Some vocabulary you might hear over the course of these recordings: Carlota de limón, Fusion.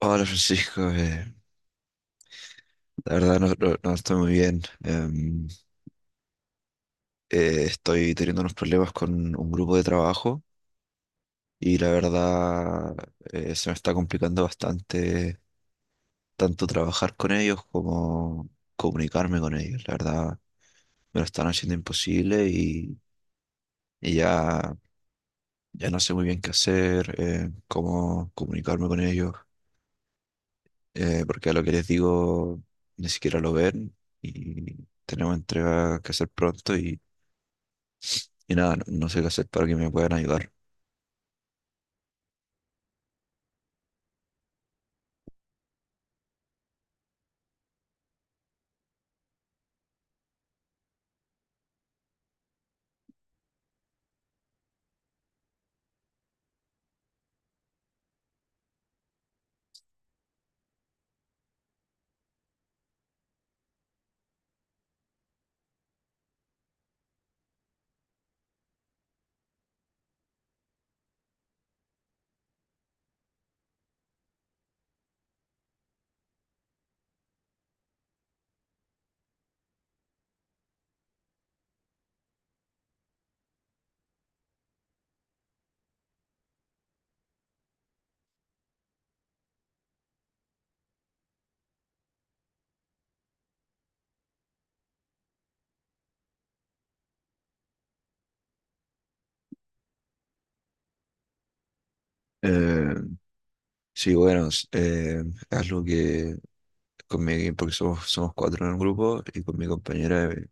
Hola Francisco, la verdad no estoy muy bien. Estoy teniendo unos problemas con un grupo de trabajo y la verdad se me está complicando bastante tanto trabajar con ellos como comunicarme con ellos. La verdad me lo están haciendo imposible y ya, ya no sé muy bien qué hacer, cómo comunicarme con ellos, porque a lo que les digo ni siquiera lo ven y tenemos entrega que hacer pronto y... Y nada, no, no sé qué hacer para que me puedan ayudar. Eh, sí, bueno, es algo que porque somos cuatro en el grupo y con mi compañera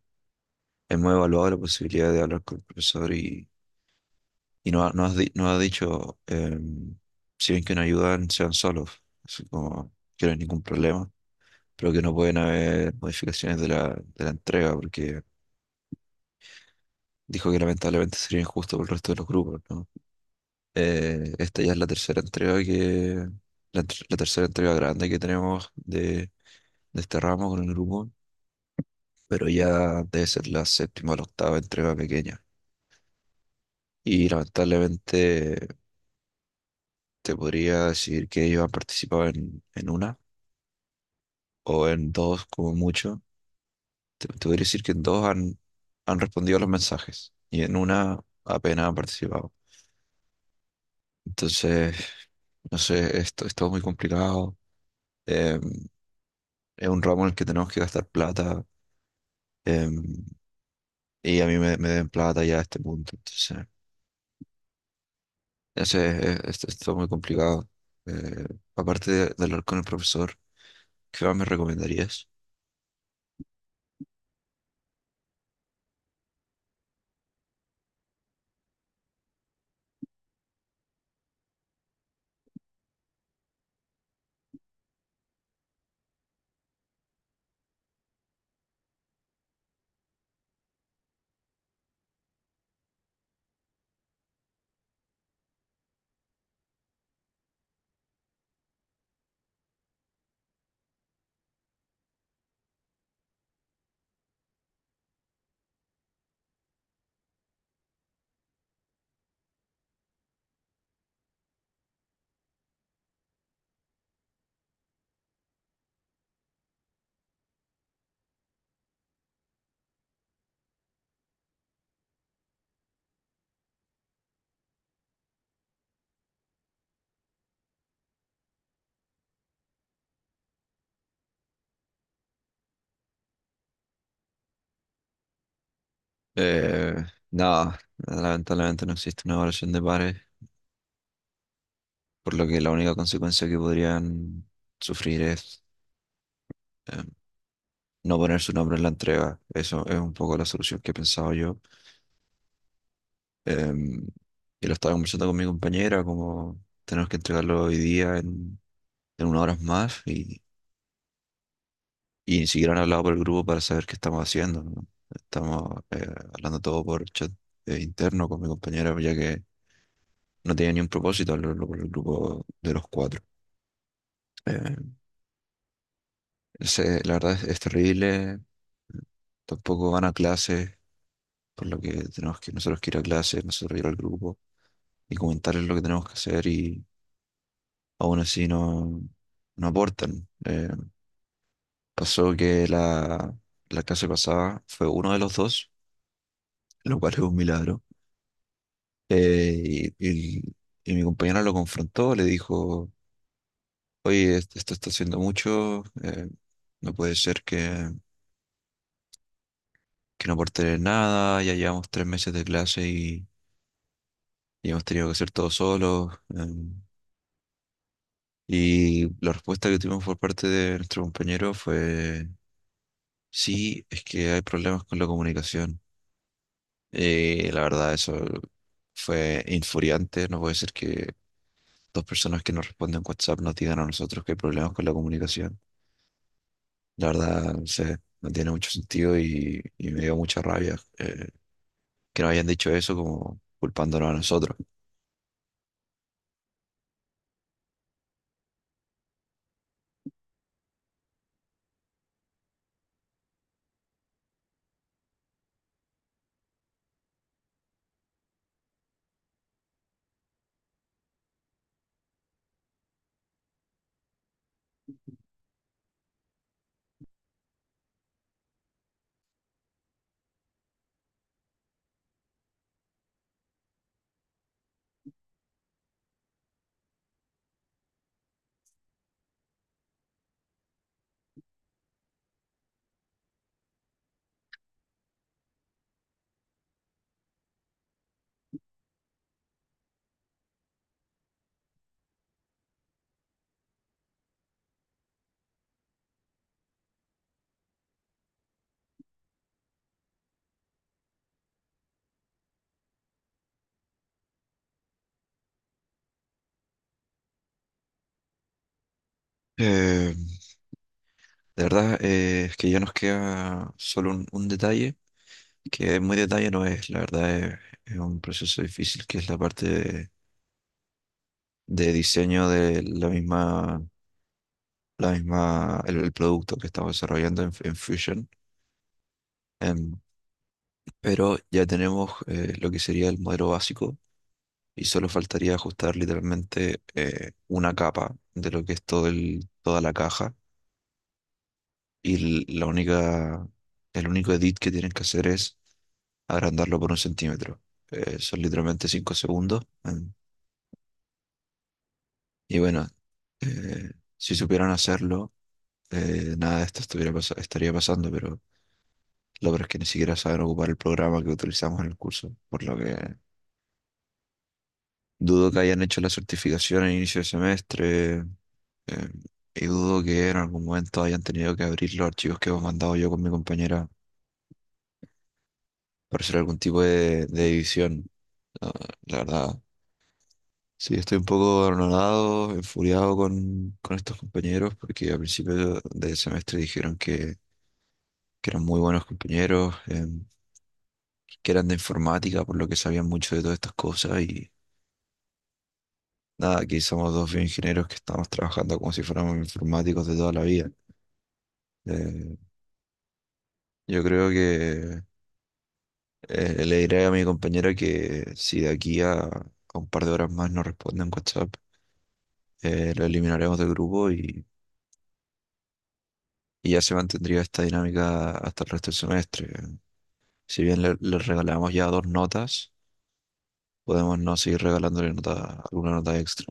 hemos evaluado la posibilidad de hablar con el profesor y, nos ha dicho, si ven que no ayudan, sean solos, así como que no hay ningún problema, pero que no pueden haber modificaciones de de la entrega, porque dijo que lamentablemente sería injusto por el resto de los grupos, ¿no? Esta ya es la tercera entrega la tercera entrega grande que tenemos de este ramo con el grupo, pero ya debe ser la séptima o la octava entrega pequeña. Y lamentablemente te podría decir que ellos han participado en una o en dos como mucho. Te podría decir que en dos han respondido a los mensajes y en una apenas han participado. Entonces, no sé, esto, es todo muy complicado. Em, es un ramo en el que tenemos que gastar plata. Em, y a mí me den plata ya a este punto. Entonces, es todo muy complicado. Eh, aparte de hablar con el profesor, ¿qué más me recomendarías? Eh, nada, lamentablemente no existe una evaluación de pares, por lo que la única consecuencia que podrían sufrir es eh, no poner su nombre en la entrega. Eso es un poco la solución que he pensado yo. Em, y lo estaba conversando con mi compañera, como tenemos que entregarlo hoy día en unas horas más. Y ni siquiera han hablado por el grupo para saber qué estamos haciendo, ¿no? Estamos hablando todo por chat interno con mi compañera, ya que no tenía ni un propósito hablarlo por el grupo de los cuatro. Eh, la verdad es terrible. Tampoco van a clases, por lo que tenemos que nosotros que ir a clases, nosotros ir al grupo y comentarles lo que tenemos que hacer y aún así no, no aportan. Pasó que la clase pasada fue uno de los dos, lo cual es un milagro. Eh, y, y- y mi compañera lo confrontó, le dijo, oye, esto está haciendo mucho, no puede ser que no aporte nada, ya llevamos tres meses de clase y hemos tenido que hacer todo solos. Y la respuesta que tuvimos por parte de nuestro compañero fue, sí, es que hay problemas con la comunicación. Y la verdad, eso fue infuriante, no puede ser que dos personas que nos responden WhatsApp nos digan a nosotros que hay problemas con la comunicación. La verdad, no sé, no tiene mucho sentido y me dio mucha rabia que nos hayan dicho eso como culpándonos a nosotros. Eh, de verdad, es que ya nos queda solo un detalle, que muy detalle no es, es un proceso difícil, que es la parte de diseño de la misma, el producto que estamos desarrollando en Fusion. Em, pero ya tenemos lo que sería el modelo básico y solo faltaría ajustar literalmente una capa de lo que es todo toda la caja y el único edit que tienen que hacer es agrandarlo por un centímetro. Son literalmente 5 segundos. Y bueno, eh, si supieran hacerlo, nada de esto estaría pasando, pero lo peor es que ni siquiera saben ocupar el programa que utilizamos en el curso, por lo que dudo que hayan hecho la certificación a inicio de semestre, eh, y dudo que en algún momento hayan tenido que abrir los archivos que hemos mandado yo con mi compañera para hacer algún tipo de edición. Ah, la verdad, sí, estoy un poco anonadado, enfuriado con estos compañeros, porque al principio del semestre dijeron que eran muy buenos compañeros, que eran de informática, por lo que sabían mucho de todas estas cosas, y nada, aquí somos dos bioingenieros que estamos trabajando como si fuéramos informáticos de toda la vida. Eh, yo creo que le diré a mi compañero que si de aquí a un par de horas más no responde en WhatsApp, lo eliminaremos del grupo y ya se mantendría esta dinámica hasta el resto del semestre. Si bien le regalamos ya dos notas, podemos no seguir regalándole alguna nota extra.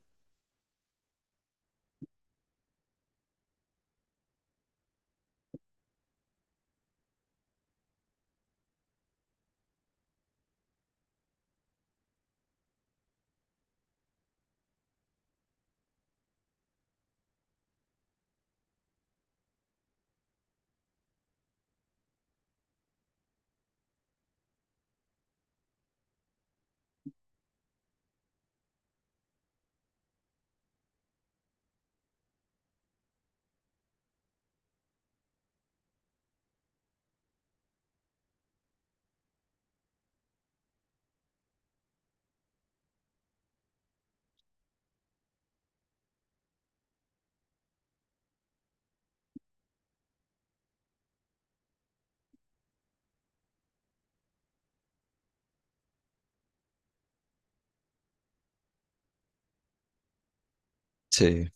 Sí,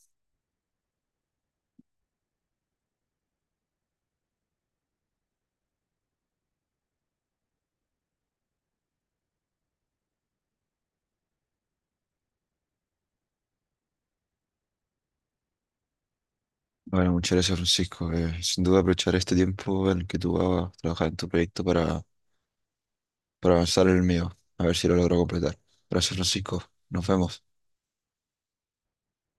bueno, muchas gracias Francisco. Sin duda aprovechar este tiempo en el que tú vas a trabajar en tu proyecto para avanzar en el mío, a ver si lo logro completar. Gracias Francisco, nos vemos.